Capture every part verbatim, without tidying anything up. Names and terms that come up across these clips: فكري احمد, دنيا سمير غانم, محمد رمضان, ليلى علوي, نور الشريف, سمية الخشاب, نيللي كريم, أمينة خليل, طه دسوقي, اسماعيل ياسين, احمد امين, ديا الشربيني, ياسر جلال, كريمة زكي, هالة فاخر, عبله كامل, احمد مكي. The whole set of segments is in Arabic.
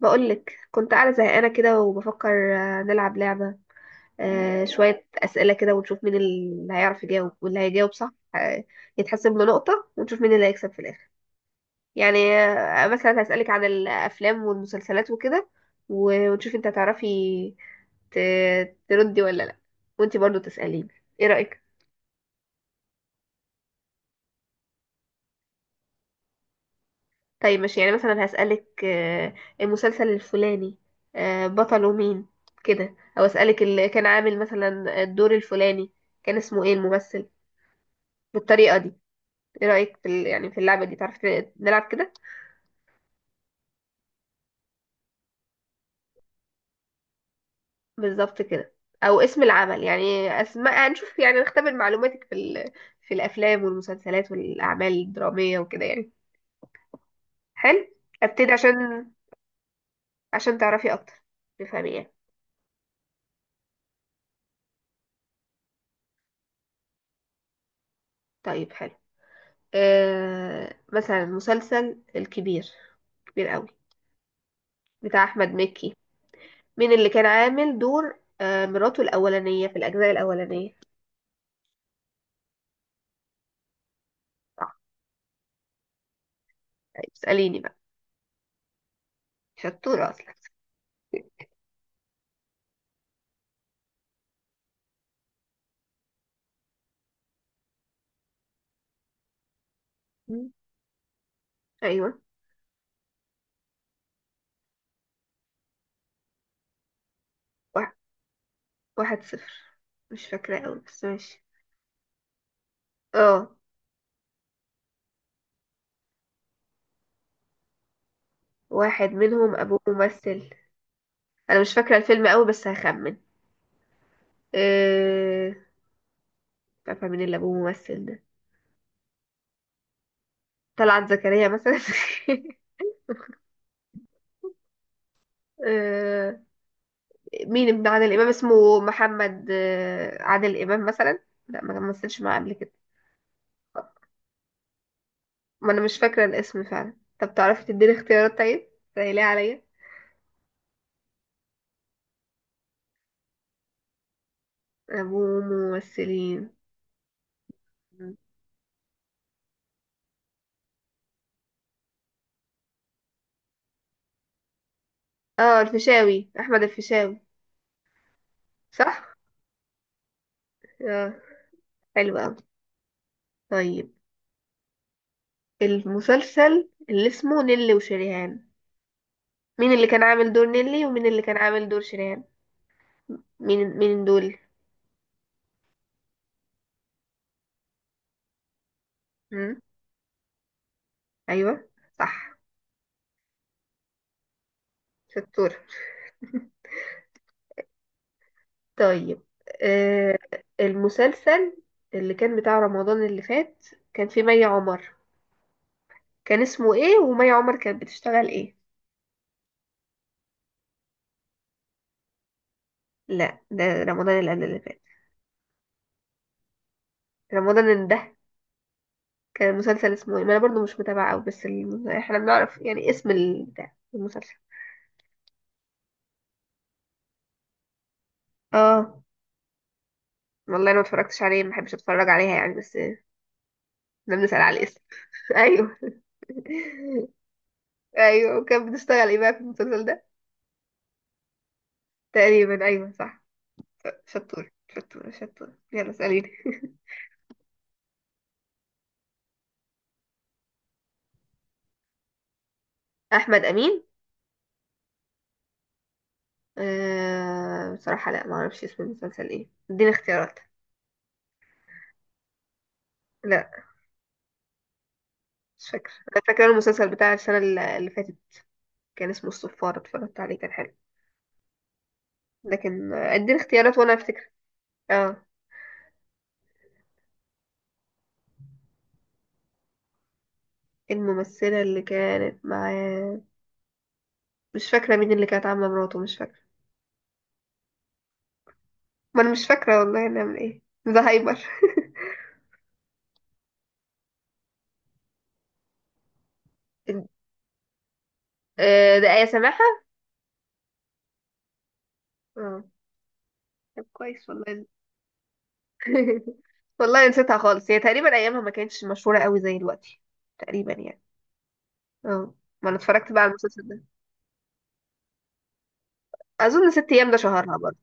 بقولك كنت قاعدة زهقانة كده وبفكر آه، نلعب لعبة. آه، شوية أسئلة كده ونشوف مين اللي هيعرف يجاوب واللي هيجاوب صح، آه، يتحسب له نقطة ونشوف مين اللي هيكسب في الآخر. يعني آه، مثلا هسألك عن الأفلام والمسلسلات وكده و- ونشوف انت هتعرفي ت- تردي ولا لأ، وانت برضو تسأليني. ايه رأيك؟ طيب ماشي، يعني مثلا هسألك آه، المسلسل الفلاني آه، بطله مين كده، او اسألك اللي كان عامل مثلا الدور الفلاني كان اسمه ايه الممثل، بالطريقة دي. ايه رأيك في ال- يعني في اللعبة دي؟ تعرف ت- نلعب كده؟ بالظبط كده. او اسم العمل، يعني اسماء، هنشوف يعني نختبر معلوماتك في ال... في الافلام والمسلسلات والاعمال الدرامية وكده يعني. حلو. ابتدي عشان عشان تعرفي اكتر، تفهمي يعني. طيب حلو. آه مثلا مسلسل الكبير كبير قوي بتاع احمد مكي، مين اللي كان عامل دور آه مراته الاولانيه في الاجزاء الاولانيه؟ صح. طيب اساليني بقى، شطوره اصلا. مم. ايوه. واحد, واحد صفر. مش فاكره قوي بس ماشي. اه واحد منهم ابوه ممثل. انا مش فاكره الفيلم قوي بس هخمن. آه مش عارفه مين اللي ابوه ممثل ده. طلعت زكريا مثلا. آه، مين ابن عادل امام اسمه محمد آه، عادل امام مثلا. لا ما مثلش معاه قبل كده. ما انا مش فاكره الاسم فعلا. طب تعرفي تديني اختيارات؟ طيب سهليه عليا. ابوه ممثلين. اه الفيشاوي، احمد الفيشاوي. صح. اه حلو قوي. طيب المسلسل اللي اسمه نيلي وشريهان، مين اللي كان عامل دور نيلي ومين اللي كان عامل دور شريهان؟ مين مين دول؟ مم؟ ايوه. صح. شطور. طيب. آه المسلسل اللي كان بتاع رمضان اللي فات كان فيه مي عمر، كان اسمه ايه ومي عمر كانت بتشتغل ايه؟ لا ده رمضان اللي قبل اللي فات. رمضان اللي ده، كان المسلسل اسمه ايه؟ ما انا برضو مش متابعة قوي بس الم... احنا بنعرف يعني اسم ال- بتاع المسلسل. اه. والله انا ما اتفرجتش عليه، ما بحبش اتفرج عليها يعني، بس احنا بنسأل على الاسم. ايوه. ايوه. وكانت بتشتغل ايه بقى في المسلسل ده؟ تقريبا ايوه صح. شطور شطور شطور، يلا اسأليني. احمد امين. أه بصراحه لا ما اعرفش اسم المسلسل ايه، اديني اختيارات. لا مش فاكره. انا فاكره المسلسل بتاع السنه الل- اللي فاتت كان اسمه الصفاره، اتفرجت عليه كان حلو. لكن آه، اديني اختيارات وانا افتكر. اه. الممثله اللي كانت معاه مش فاكره مين اللي كانت عامله مراته، مش فاكره. ما انا مش فاكره والله، نعمل ايه، ده هايبر. آه، ده آية سماحة. اه طب كويس والله. والله نسيتها خالص. هي تقريبا ايامها ما كانتش مشهورة قوي زي دلوقتي، تقريبا يعني. اه. ما انا اتفرجت بقى على المسلسل ده. اظن ست ايام ده شهرها برضه.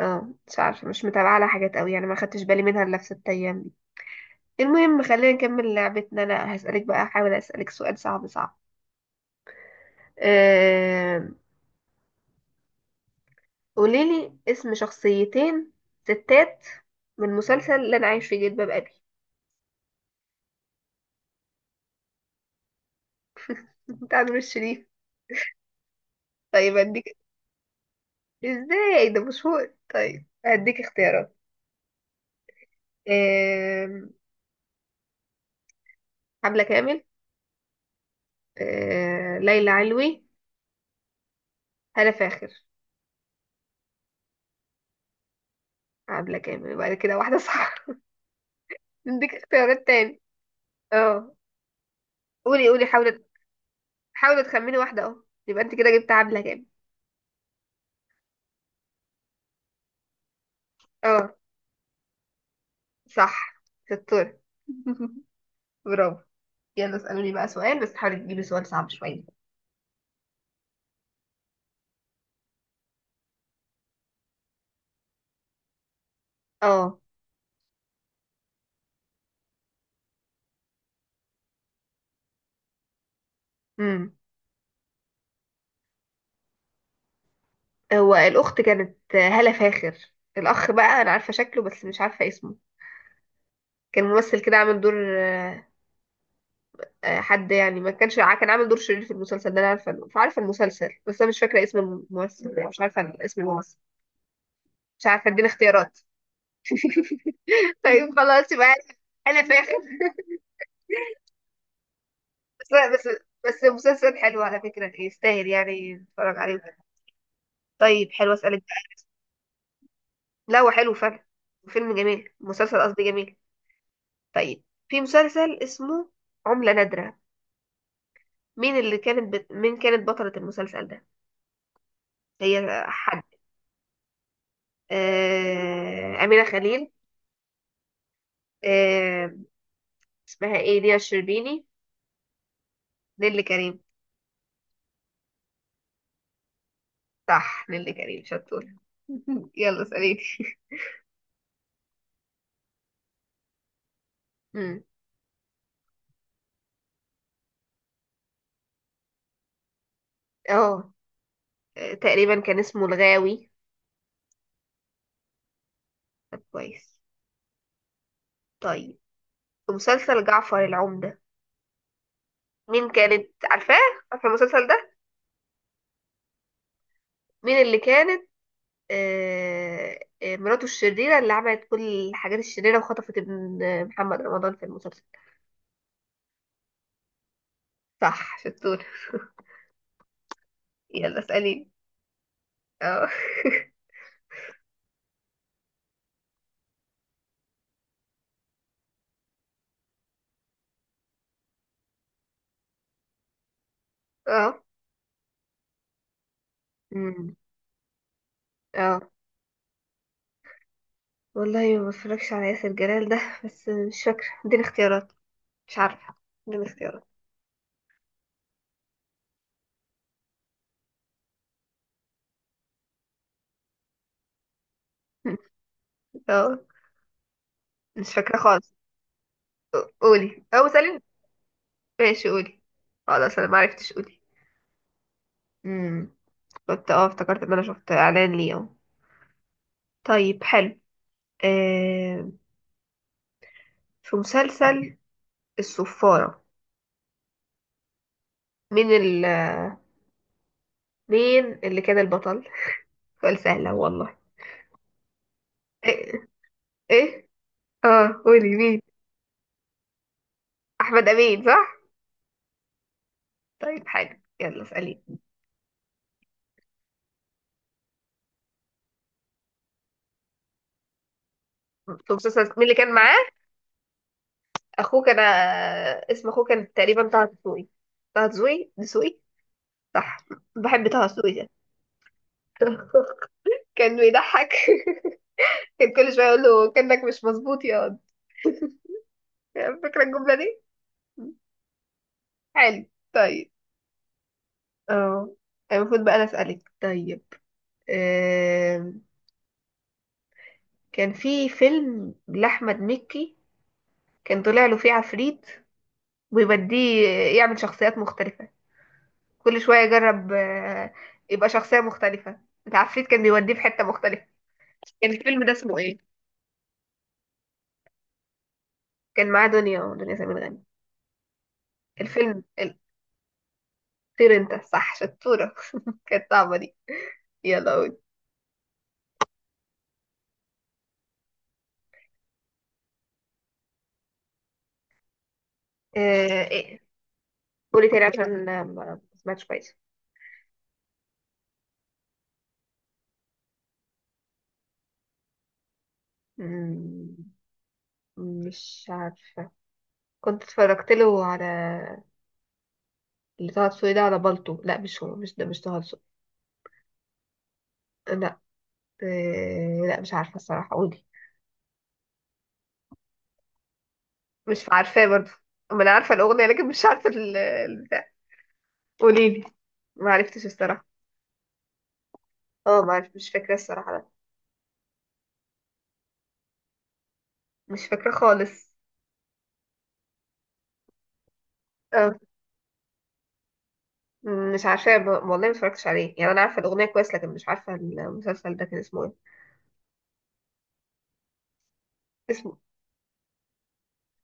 اه مش عارفه، مش متابعه لها حاجات قوي يعني، ما خدتش بالي منها الا في ست ايام دي. المهم خلينا نكمل لعبتنا. انا هسالك بقى، احاول اسالك سؤال صعب صعب. أه... قوليلي اسم شخصيتين ستات من مسلسل اللي انا عايش في جلباب ابي. بتاع نور الشريف. طيب هديك. ازاي ده مشهور؟ طيب هديك اختيارات. أه... حمله كامل. أه... ليلى علوي. هالة فاخر. عاملة كام؟ بعد كده واحدة صح. عندك اختيارات تاني. اه قولي قولي، حاولي حاولي تخمني واحدة اهو. يبقى انت كده جبت عاملة كام. اه صح شطورة. برافو. يلا اسألوني بقى سؤال بس حاولي تجيبي سؤال صعب شوية. اه. امم. هو الأخت كانت هالة فاخر. الأخ بقى أنا عارفة شكله بس مش عارفة اسمه. كان ممثل كده عامل دور، آه، آه، حد يعني، ما كانش ع- كان عامل دور شرير في المسلسل ده. أنا عارفة، عارفة المسلسل بس أنا مش فاكرة اسم الممثل، مش عارفة اسم الممثل. مش عارفه اديني اختيارات. طيب خلاص يبقى. انا فاخر. بس بس بس مسلسل حلو على فكره، يستاهل يعني نتفرج عليه. طيب حلو اسالك بقى. لا هو حلو فعلا. فيلم جميل، مسلسل قصدي، جميل. طيب في مسلسل اسمه عملة نادرة، مين اللي كانت بت... مين كانت بطلة المسلسل ده؟ هي حد. آه... أمينة خليل. آه... اسمها ايه، ديا الشربيني، نيللي كريم؟ صح. نيللي كريم شطورة. يلا اسأليني. مم. اه آه، تقريبا كان اسمه الغاوي. طب كويس. طيب في مسلسل جعفر العمدة، مين كانت عارفاه؟ عارفه المسلسل ده؟ مين اللي كانت آه، آه، مراته الشريرة اللي عملت كل الحاجات الشريرة وخطفت ابن آه، محمد رمضان في المسلسل؟ صح شطور. يلا اسأليني. اه. اه. أمم. اه والله ما بتفرجش على ياسر جلال ده، بس مش فاكرة اديني اختيارات، مش عارفة. اديني اختيارات. اه مش فاكرة خالص. قولي او سأليني. ماشي قولي. خلاص انا معرفتش، قولي. امم. كنت اه افتكرت ان انا شفت اعلان ليه اهو. طيب حلو. آه في مسلسل الصفارة، مين ال مين اللي كان البطل؟ سؤال سهل أهو والله. ايه. ايه. اه قولي مين. احمد امين صح. طيب حلو يلا اسالي. في مسلسل مين اللي كان معاه، اخوه كان آه، اسم اخوه كان تقريبا طه دسوقي. طه دسوقي دسوقي. صح. بحب طه دسوقي ده. كان بيضحك. كان كل شويه اقول له كانك مش مظبوط يا واد، فاكره الجمله دي. حلو. طيب. اه. المفروض بقى انا اسالك. طيب آم، كان في فيلم لاحمد مكي كان طلع له فيه عفريت ويوديه يعمل شخصيات مختلفه، كل شويه يجرب آه، يبقى شخصيه مختلفه، العفريت كان بيوديه في حته مختلفه. كان الفيلم ده اسمه ايه؟ كان معاه دنيا دنيا سمير غانم. الفيلم ال- طير انت صح شطوره. كانت صعبه دي. يلا قول. آه، إيه؟ قولي تاني عشان ما ما سمعتش كويس. مم، مش عارفة. كنت اتفرجت له على اللي طه دسوقي ده على بالطو، لا مش هو، مش ده، مش طه دسوقي. لا آه، لا مش عارفة الصراحة، قولي. مش عارفاه برضه. ما انا عارفة الأغنية لكن مش عارفة ال- البتاع. قولي لي. ما عرفتش الصراحة. اه ما عرف مش فاكرة الصراحة لا. مش فاكرة خالص. اه. مم، مش عارفة ب- والله ما اتفرجتش عليه يعني. انا عارفة الأغنية كويس لكن مش عارفة المسلسل ده كان اسمه ايه. اسمه.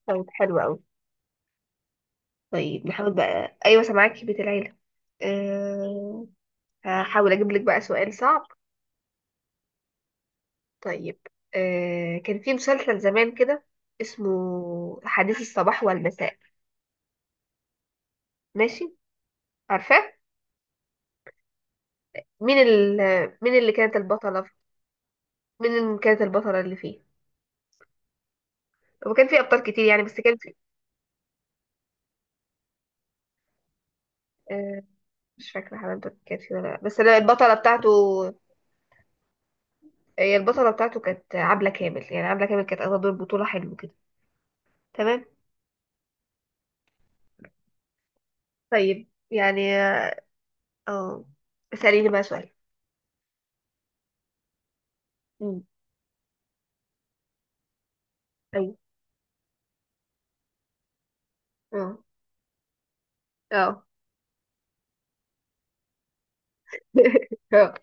كان حلو قوي. طيب نحاول بقى. ايوه سامعاكي، بيت العيله. أه... هحاول اجيب لك بقى سؤال صعب. طيب. أه... كان في مسلسل زمان كده اسمه حديث الصباح والمساء. ماشي. عارفاه. مين ال... مين اللي كانت البطله؟ مين اللي كانت البطله اللي فيه؟ هو كان فيه ابطال كتير يعني بس كان فيه. أه... مش فاكره حبيبتك كانت فيه ولا لأ. بس أنا البطله بتاعته، هي البطله بتاعته كانت عبله كامل. يعني عبله كامل كانت اخدة دور بطوله حلو كده. تمام. طيب يعني. اه اسأليني بقى سؤال. مم. ايوه. اه. اه. اه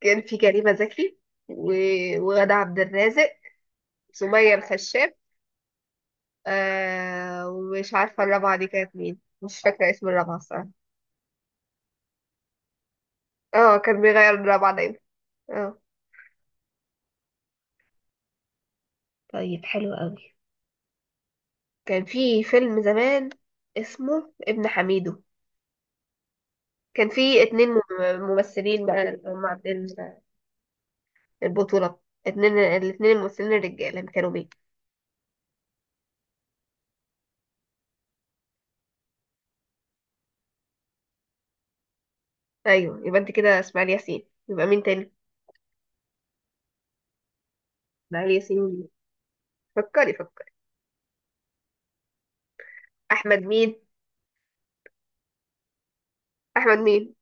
كان في كريمة زكي و... وغادة عبد الرازق، سمية الخشاب. آه ومش عارفة الرابعة دي كانت مين، مش فاكرة اسم الرابعة الصراحة. اه كان بيغير الرابعة دايما. اه. طيب حلو قوي. كان في فيلم زمان اسمه ابن حميدو، كان في اتنين مم- ممثلين بقى اللي هم عاملين البطولة. اتنين الاتنين الممثلين الرجالة كانوا مين؟ ايوه يبقى انت كده. اسماعيل ياسين، يبقى مين تاني؟ اسماعيل ياسين. فكري فكري. احمد مين. احمد مين.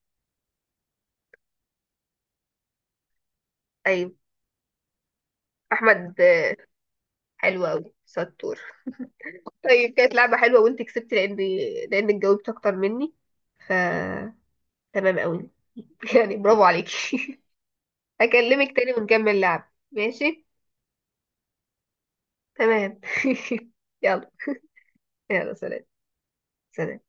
ايوه. احمد آه، حلو قوي ستور. طيب كانت لعبه حلوه وانت كسبت، لان، لانك جاوبت اكتر مني، ف تمام قوي. يعني برافو عليكي. هكلمك تاني ونكمل لعب، ماشي؟ تمام. يلا. يلا سلام. سلام.